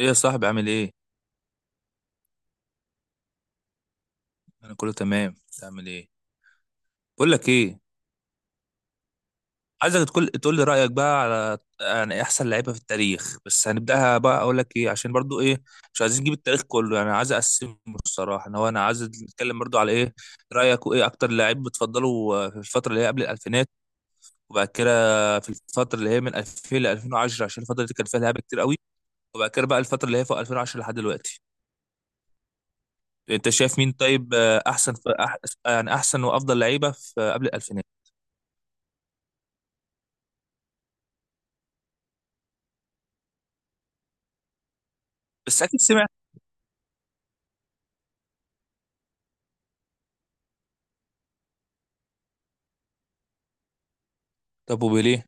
ايه يا صاحبي، عامل ايه؟ انا كله تمام. تعمل ايه؟ بقول لك ايه، عايزك تقول لي رايك بقى على يعني احسن لعيبه في التاريخ، بس هنبداها بقى. اقول لك ايه، عشان برضو ايه، مش عايزين نجيب التاريخ كله، يعني عايز اقسمه. الصراحه انا عايز نتكلم برضو على ايه رايك، وايه اكتر لعيب بتفضله في الفتره اللي هي قبل الالفينات، وبعد كده في الفتره اللي هي من 2000 ل 2010، عشان الفتره دي كان فيها لعيبه كتير قوي، وبعد كده بقى الفتره اللي هي فوق 2010 لحد دلوقتي. انت شايف مين طيب؟ احسن في يعني احسن وافضل لعيبه في قبل الالفينات؟ بس اكيد سمعت. طب وبيليه؟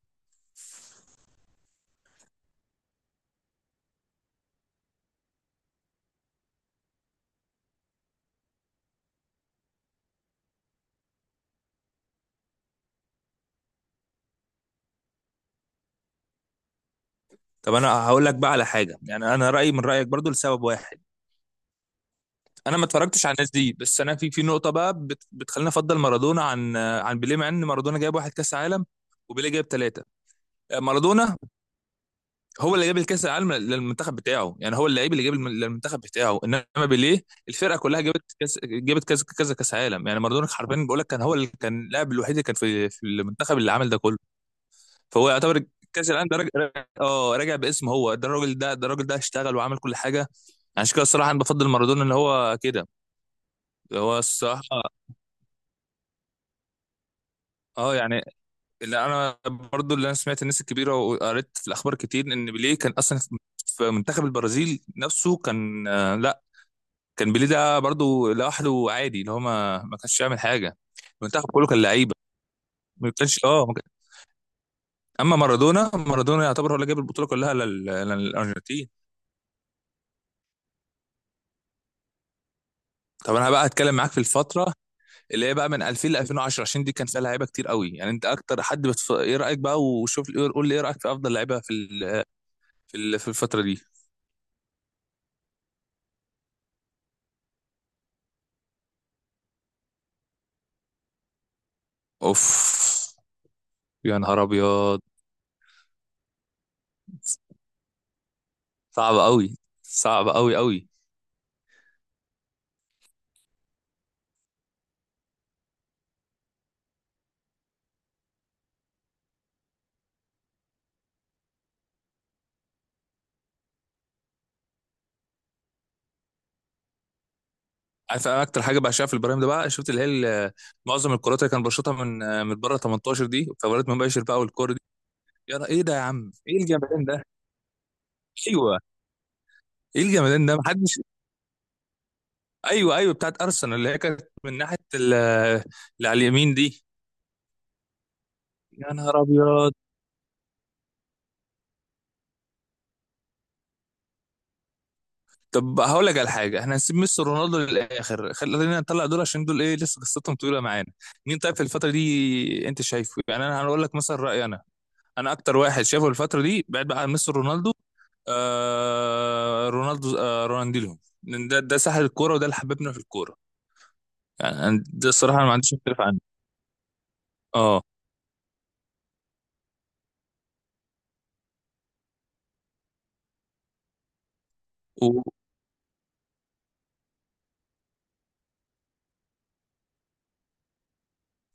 طب انا هقول لك بقى على حاجه، يعني انا رايي من رايك برضو لسبب واحد. انا ما اتفرجتش على الناس دي، بس انا في نقطه بقى بتخليني افضل مارادونا عن بيليه، مع ان مارادونا جايب واحد كاس عالم وبيليه جايب ثلاثه. مارادونا هو اللي جاب الكاس العالم للمنتخب بتاعه، يعني هو اللعيب اللي للمنتخب بتاعه، انما بيليه الفرقه كلها جابت كاس، جابت كذا كذا كاس عالم. يعني مارادونا حرفيا، بقول لك كان هو اللي كان اللاعب الوحيد اللي كان في المنتخب اللي عمل ده كله، فهو يعتبر كاس العالم ده راجع، اه راجع باسم هو، ده الراجل، ده الراجل ده اشتغل وعمل كل حاجه. عشان كده الصراحه انا بفضل مارادونا، اللي هو كده، اللي هو الصراحه، اه يعني، اللي انا سمعت الناس الكبيره، وقريت في الاخبار كتير، ان بيليه كان اصلا في منتخب البرازيل نفسه، كان لا، كان بيليه ده برضو لوحده عادي، اللي هو ما كانش يعمل حاجه، المنتخب كله كان لعيبه، ما كانش، ما كان-، اما مارادونا، مارادونا يعتبر هو اللي جاب البطوله كلها للارجنتين. طب انا بقى هتكلم معاك في الفتره اللي هي بقى من 2000 ل 2010، عشان دي كان فيها لعيبه كتير قوي، يعني انت اكتر حد ايه رايك بقى وشوف. قول لي ايه رايك في افضل لعيبه في الفتره دي؟ اوف، يا نهار ابيض، صعب قوي، صعب قوي قوي. عارف انا اكتر حاجه بعشقها في البرايم ده بقى؟ شفت اللي هي ال- معظم الكرات اللي كان بيشوطها من بره 18، دي فبرات مباشر بقى، والكوره دي ايه ده يا عم، ايه الجمدان ده؟ ايوه، ايه الجمدان ده، محدش. ايوه، ايوه، بتاعت ارسنال، اللي هي كانت من ناحيه اللي على اليمين دي. يا نهار ابيض! طب هقول لك على حاجه، احنا هنسيب ميسي ورونالدو للاخر، خلينا نطلع دول، عشان دول ايه، لسه قصتهم طويله معانا. مين طيب في الفتره دي انت شايفه؟ يعني انا هقول لك مثلا رايي، انا انا اكتر واحد شايفه الفتره دي بعد بقى عن ميسي ورونالدو، آه رونالدو آه رونالدينيو، لأن ده ساحر الكوره، وده اللي حببنا في الكوره. يعني ده الصراحه انا ما عنديش اختلاف عنه. اه، و...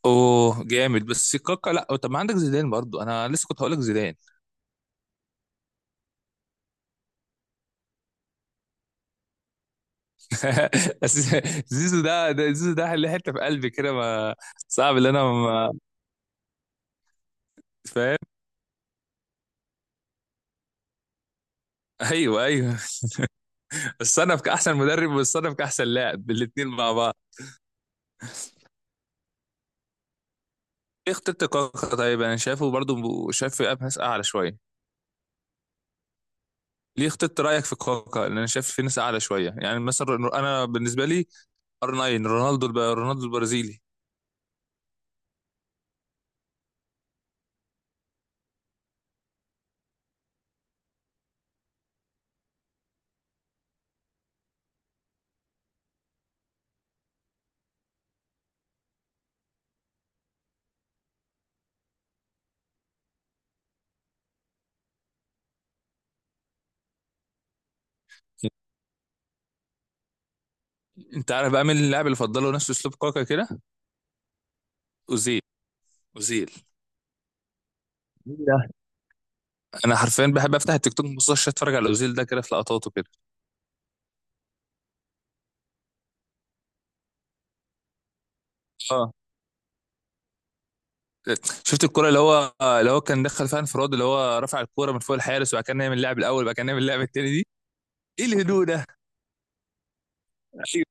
اوه جامد، بس كاكا لا، طب ما عندك زيدان، برضو انا لسه كنت هقول لك زيدان. بس زيزو ده زيزو، ده اللي حته في قلبي كده، ما صعب، اللي انا ما، فاهم. ايوه، ايوه. الصنف كاحسن مدرب، والصنف كاحسن لاعب، الاثنين مع بعض. ليه اخترت كوكا، طيب انا شايفه برضو، شايف في ناس اعلى شويه، ليه اخترت؟ رايك في كوكا، لان انا شايف في ناس اعلى شويه، يعني مثلا انا بالنسبه لي ار 9، رونالدو رونالدو البرازيلي. انت عارف بقى مين اللاعب اللي فضله نفس اسلوب كوكا كده؟ اوزيل. اوزيل مين ده؟ انا حرفيا بحب افتح التيك توك، ما بصش، اتفرج على اوزيل ده كده في لقطاته كده. اه، شفت الكرة اللي هو كان دخل فيها انفراد، اللي هو رفع الكرة من فوق الحارس، وبعد كده نعمل اللاعب الاول، وبعد كده نعمل اللاعب التاني دي؟ ايه الهدوء ده؟ ايوه،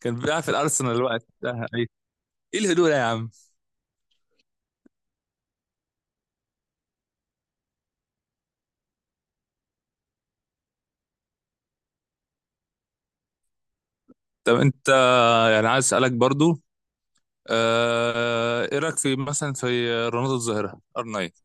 كان بيلعب في الارسنال الوقت ده. أيوة. ايه الهدوء ده يا عم؟ طب انت، يعني عايز اسالك برضو، ايه رايك في مثلا في رونالدو الظاهره ار 9؟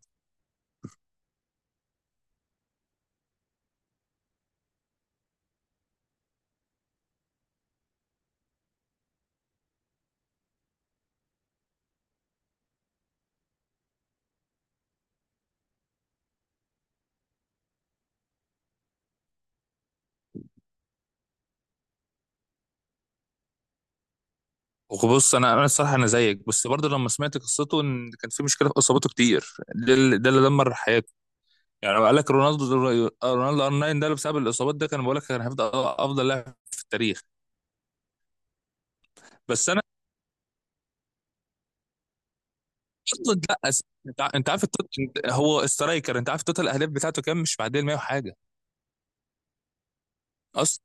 وبص، انا الصراحه انا زيك، بس برضو لما سمعت قصته ان كان في مشكله في اصاباته كتير، ده اللي، دمر حياته. يعني لو قال لك رونالدو، رونالدو ار 9 ده اللي بسبب الاصابات ده، كان بقول لك كان هيفضل افضل لاعب في التاريخ. بس اصلا لا، أس...، انت عارف التوت...، انت، هو سترايكر، انت عارف توتال الاهداف بتاعته كام؟ مش معديه ال 100 وحاجه، اصلا.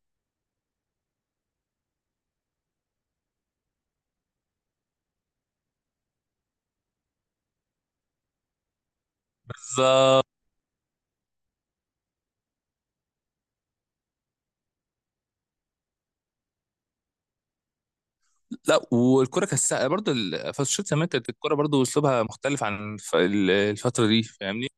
بالظبط. لا، والكره كساء برضه فالشوط زمان كانت الكره برضه اسلوبها مختلف عن الفتره دي، فاهمني؟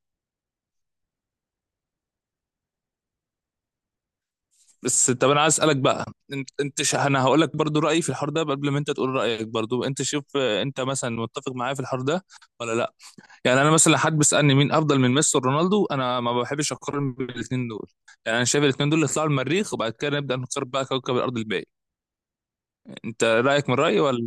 بس طب انا عايز اسالك بقى، انت انت ش...، انا هقول لك برضه رايي في الحوار ده قبل ما انت تقول رايك، برضه انت شوف، انت مثلا متفق معايا في الحوار ده ولا لا؟ يعني انا مثلا لو حد بيسالني مين افضل من ميسي ورونالدو، انا ما بحبش اقارن بين الاثنين دول، يعني انا شايف الاثنين دول يطلعوا المريخ، وبعد كده نبدا نختار بقى كوكب الارض الباقي. انت رايك من رايي ولا؟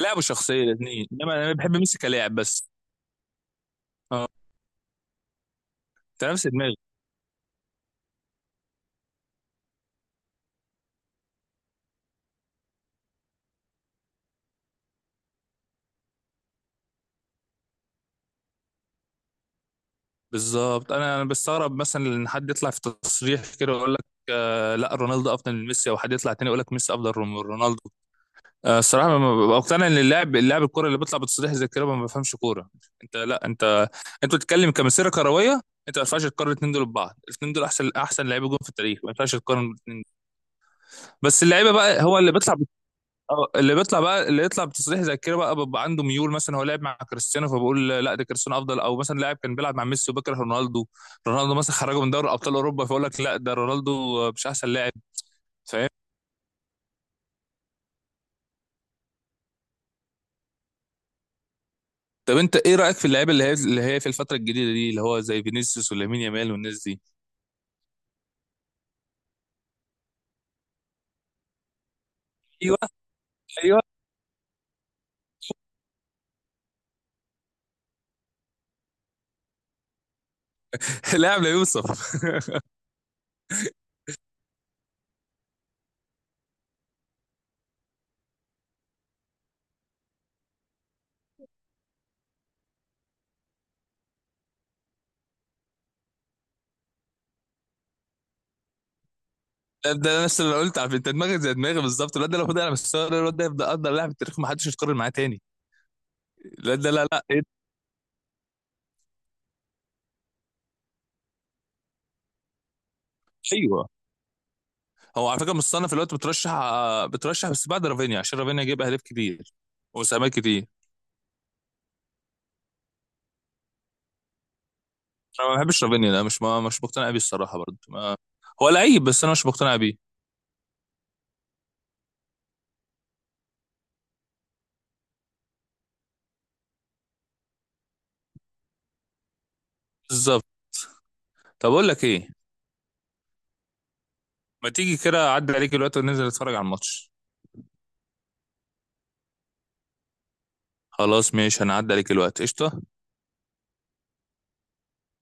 لعبه، شخصيه، الاثنين، انما انا بحب ميسي كلاعب بس. انت نفس دماغي بالظبط. انا بستغرب مثلا ان حد يطلع في تصريح كده ويقول لك آه لا، رونالدو افضل من ميسي، او حد يطلع تاني يقول لك ميسي افضل من رونالدو. آه، الصراحه ما ببقى مقتنع ان اللاعب، الكوره اللي بيطلع بتصريح زي كده ما بفهمش كوره. انت، لا انت، انت بتتكلم كمسيره كرويه، انت ما ينفعش تقارن الاثنين دول ببعض، الاثنين دول احسن، احسن لعيبه جون في التاريخ، ما ينفعش تقارن الاثنين. بس اللعيبه بقى هو اللي بيطلع، اه، اللي بيطلع بقى، اللي يطلع بتصريح زي كده بقى بيبقى عنده ميول، مثلا هو لعب مع كريستيانو فبقول لا، ده كريستيانو افضل، او مثلا لاعب كان بيلعب مع ميسي وبكره رونالدو، رونالدو مثلا خرجه من دوري ابطال اوروبا، فيقول لك لا، ده رونالدو مش احسن لاعب. فاهم؟ طب انت ايه رايك في اللعيبه اللي هي في الفتره الجديده دي، اللي هو زي فينيسيوس ولامين يامال والناس دي؟ ايوه، ايوه. لاعب لا يوصف. ده نفس اللي أنا قلت، عارف انت دماغك زي دماغي بالظبط، الواد ده لو فضل على مستوى الواد ده يبقى افضل لاعب في التاريخ، ما حدش يتقارن معاه تاني. لا، ده لا لا، إيه ده؟ ايوه. هو على فكره مصنف الوقت بترشح، بس بعد رافينيا، عشان رافينيا جايب اهداف كتير وساهمات كتير. انا ما بحبش رافينيا ده، مش، ما مش مقتنع بيه الصراحه، برضه ما، هو لعيب بس انا مش مقتنع بيه. بالظبط. طب اقول لك ايه، ما تيجي كده اعدي عليك الوقت وننزل نتفرج على الماتش؟ خلاص ماشي، هنعدي عليك الوقت، قشطه.